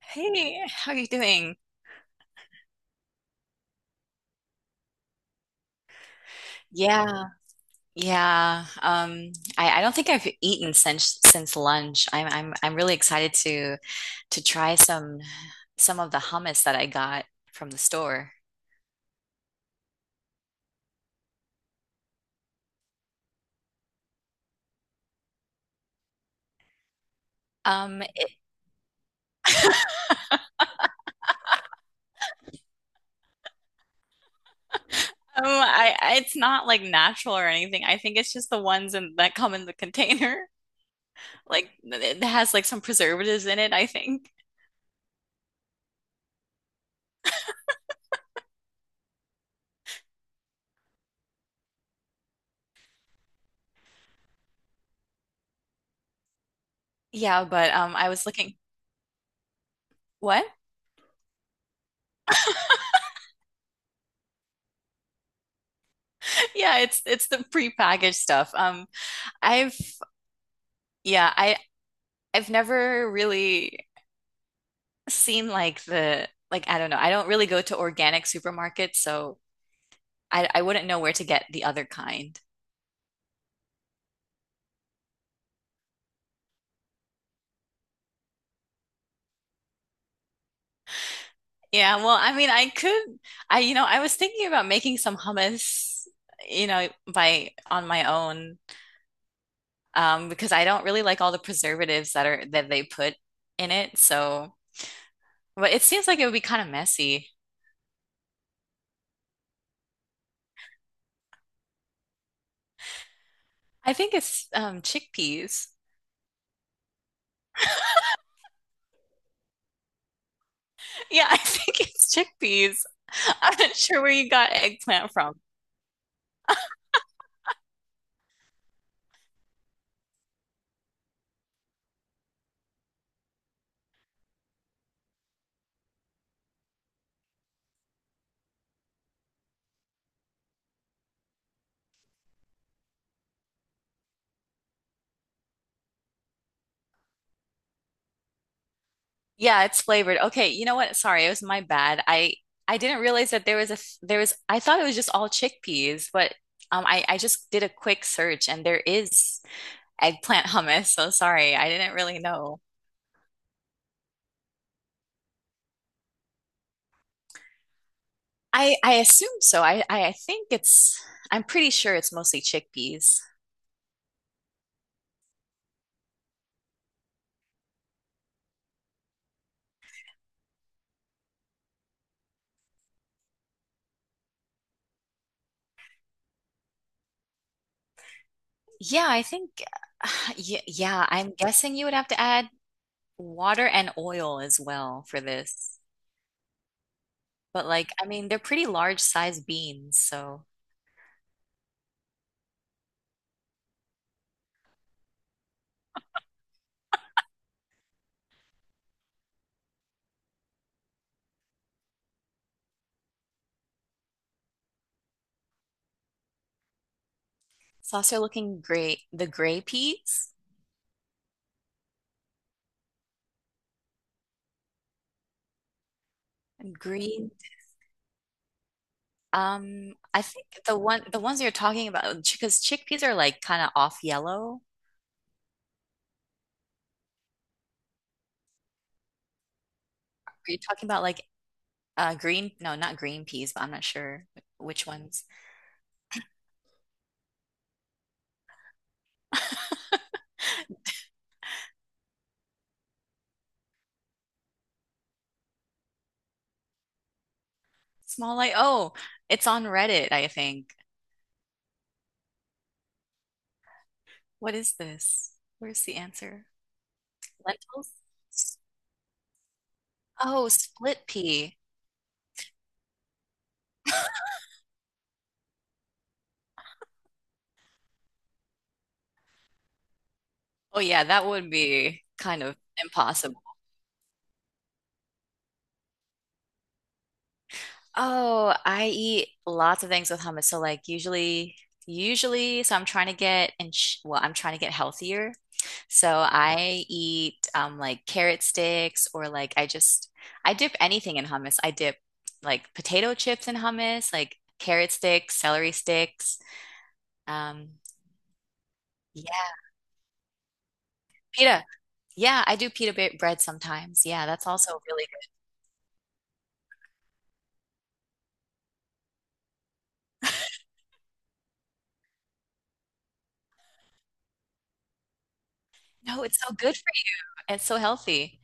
Hey, how are you doing? Yeah, yeah. I don't think I've eaten since lunch. I'm really excited to try some of the hummus that I got from the store. Um, it, I it's not like natural or anything. I think it's just the ones in, that come in the container. Like it has like some preservatives in it, I think. Yeah, but I was looking. What? Yeah, it's the prepackaged stuff. I've yeah, I I've never really seen like the like I don't know. I don't really go to organic supermarkets, so I wouldn't know where to get the other kind. Yeah, well, I mean, I could I you know, I was thinking about making some hummus, you know, by on my own because I don't really like all the preservatives that they put in it. So, but it seems like it would be kind of messy. I think it's chickpeas. Yeah, I think it's chickpeas. I'm not sure where you got eggplant from. Yeah, it's flavored. Okay, you know what? Sorry, it was my bad. I didn't realize that there was I thought it was just all chickpeas, but I just did a quick search and there is eggplant hummus. So sorry, I didn't really know. I assume so. I think it's I'm pretty sure it's mostly chickpeas. Yeah, I think yeah, I'm guessing you would have to add water and oil as well for this. But like, I mean, they're pretty large size beans, so It's also looking great. The gray peas and green. I think the ones you're talking about, because chickpeas are like kind of off yellow. Are you talking about like green? No, not green peas, but I'm not sure which ones. Small light. Oh, it's on Reddit, I think. What is this? Where's the answer? Lentils? Oh, split pea. Oh yeah, that would be kind of impossible. Oh, I eat lots of things with hummus. So like usually so I'm trying to get and sh well, I'm trying to get healthier. So I eat like carrot sticks or like I just I dip anything in hummus. I dip like potato chips in hummus, like carrot sticks, celery sticks. Um yeah, pita. Yeah, I do pita bre- bread sometimes. Yeah, that's also really good. No, it's so good for you. It's so healthy.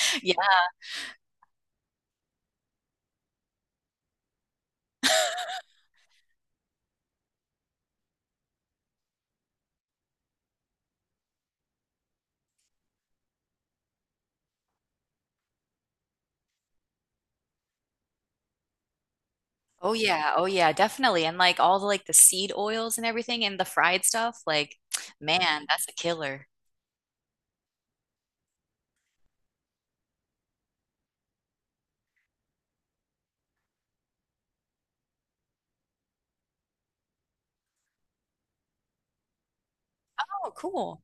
Oh yeah, oh yeah, definitely. And like all the like the seed oils and everything and the fried stuff, like man, that's a killer. Oh, cool.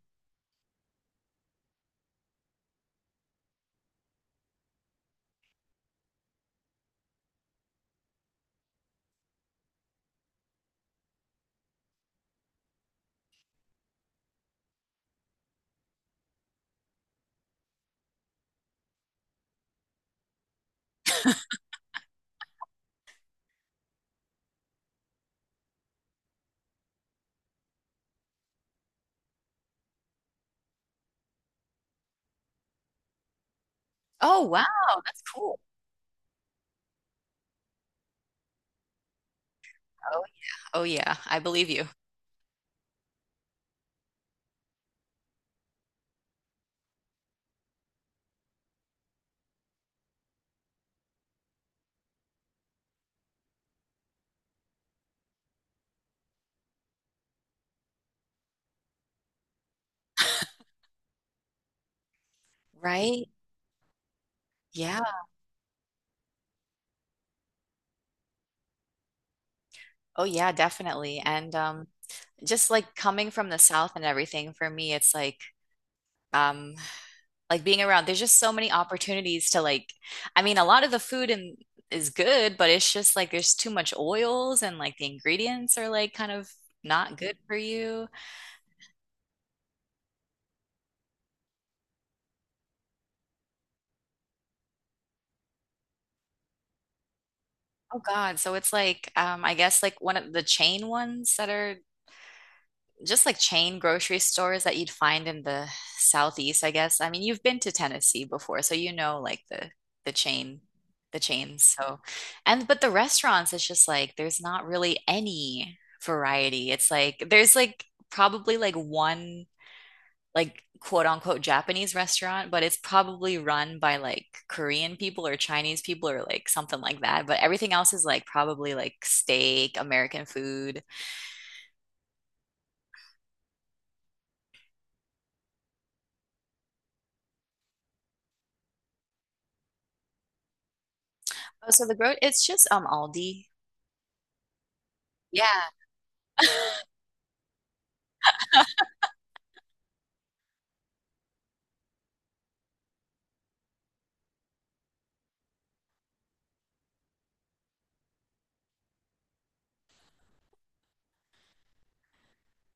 Oh wow, that's cool. Oh yeah. Oh yeah, I believe you. Right? Yeah. Oh yeah, definitely. And just like coming from the South and everything, for me, it's um like being around, there's just so many opportunities to like I mean, a lot of the food and is good, but it's just like there's too much oils and like the ingredients are like kind of not good for you. Oh God. So it's like I guess like one of the chain ones that are just like chain grocery stores that you'd find in the southeast, I guess. I mean, you've been to Tennessee before, so you know like the chain the chains. So and but the restaurants it's just like there's not really any variety. It's like there's like probably like one like quote unquote Japanese restaurant, but it's probably run by like Korean people or Chinese people or like something like that. But everything else is like probably like steak, American food. Oh, so the growth it's just Aldi. Yeah.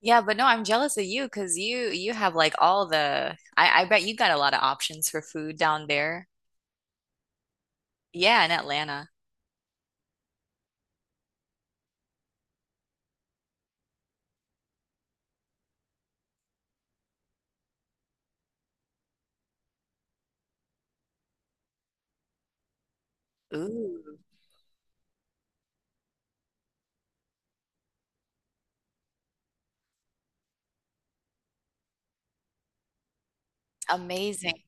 Yeah, but no, I'm jealous of you because you have like all the I bet you got a lot of options for food down there. Yeah, in Atlanta. Ooh, amazing.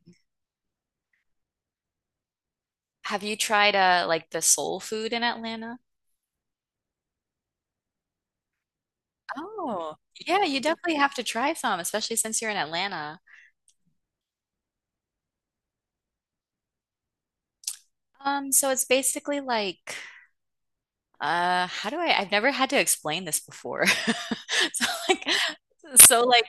Have you tried like the soul food in Atlanta? Oh, yeah, you definitely have to try some, especially since you're in Atlanta. So it's basically like, how do I, I've never had to explain this before. So like, so like,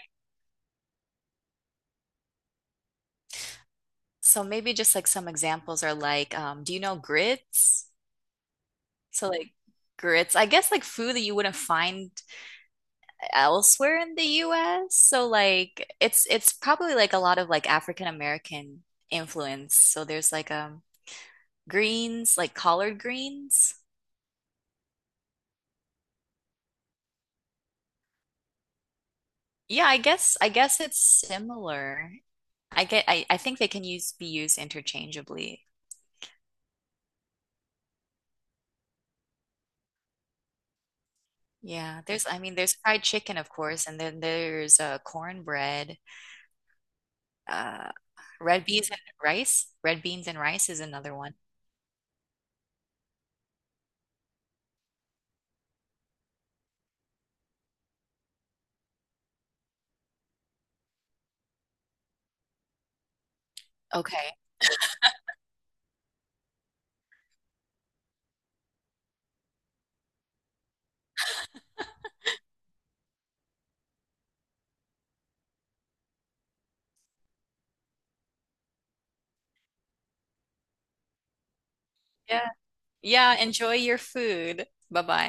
so maybe just like some examples are like, do you know grits? So like grits, I guess like food that you wouldn't find elsewhere in the US. So like, it's probably like a lot of like African American influence. So there's like, greens, like collard greens. Yeah, I guess it's similar. I think they can use be used interchangeably. Yeah, there's I mean there's fried chicken of course and then there's cornbread, uh red beans and rice. Red beans and rice is another one. Okay. Yeah. Yeah, enjoy your food. Bye-bye.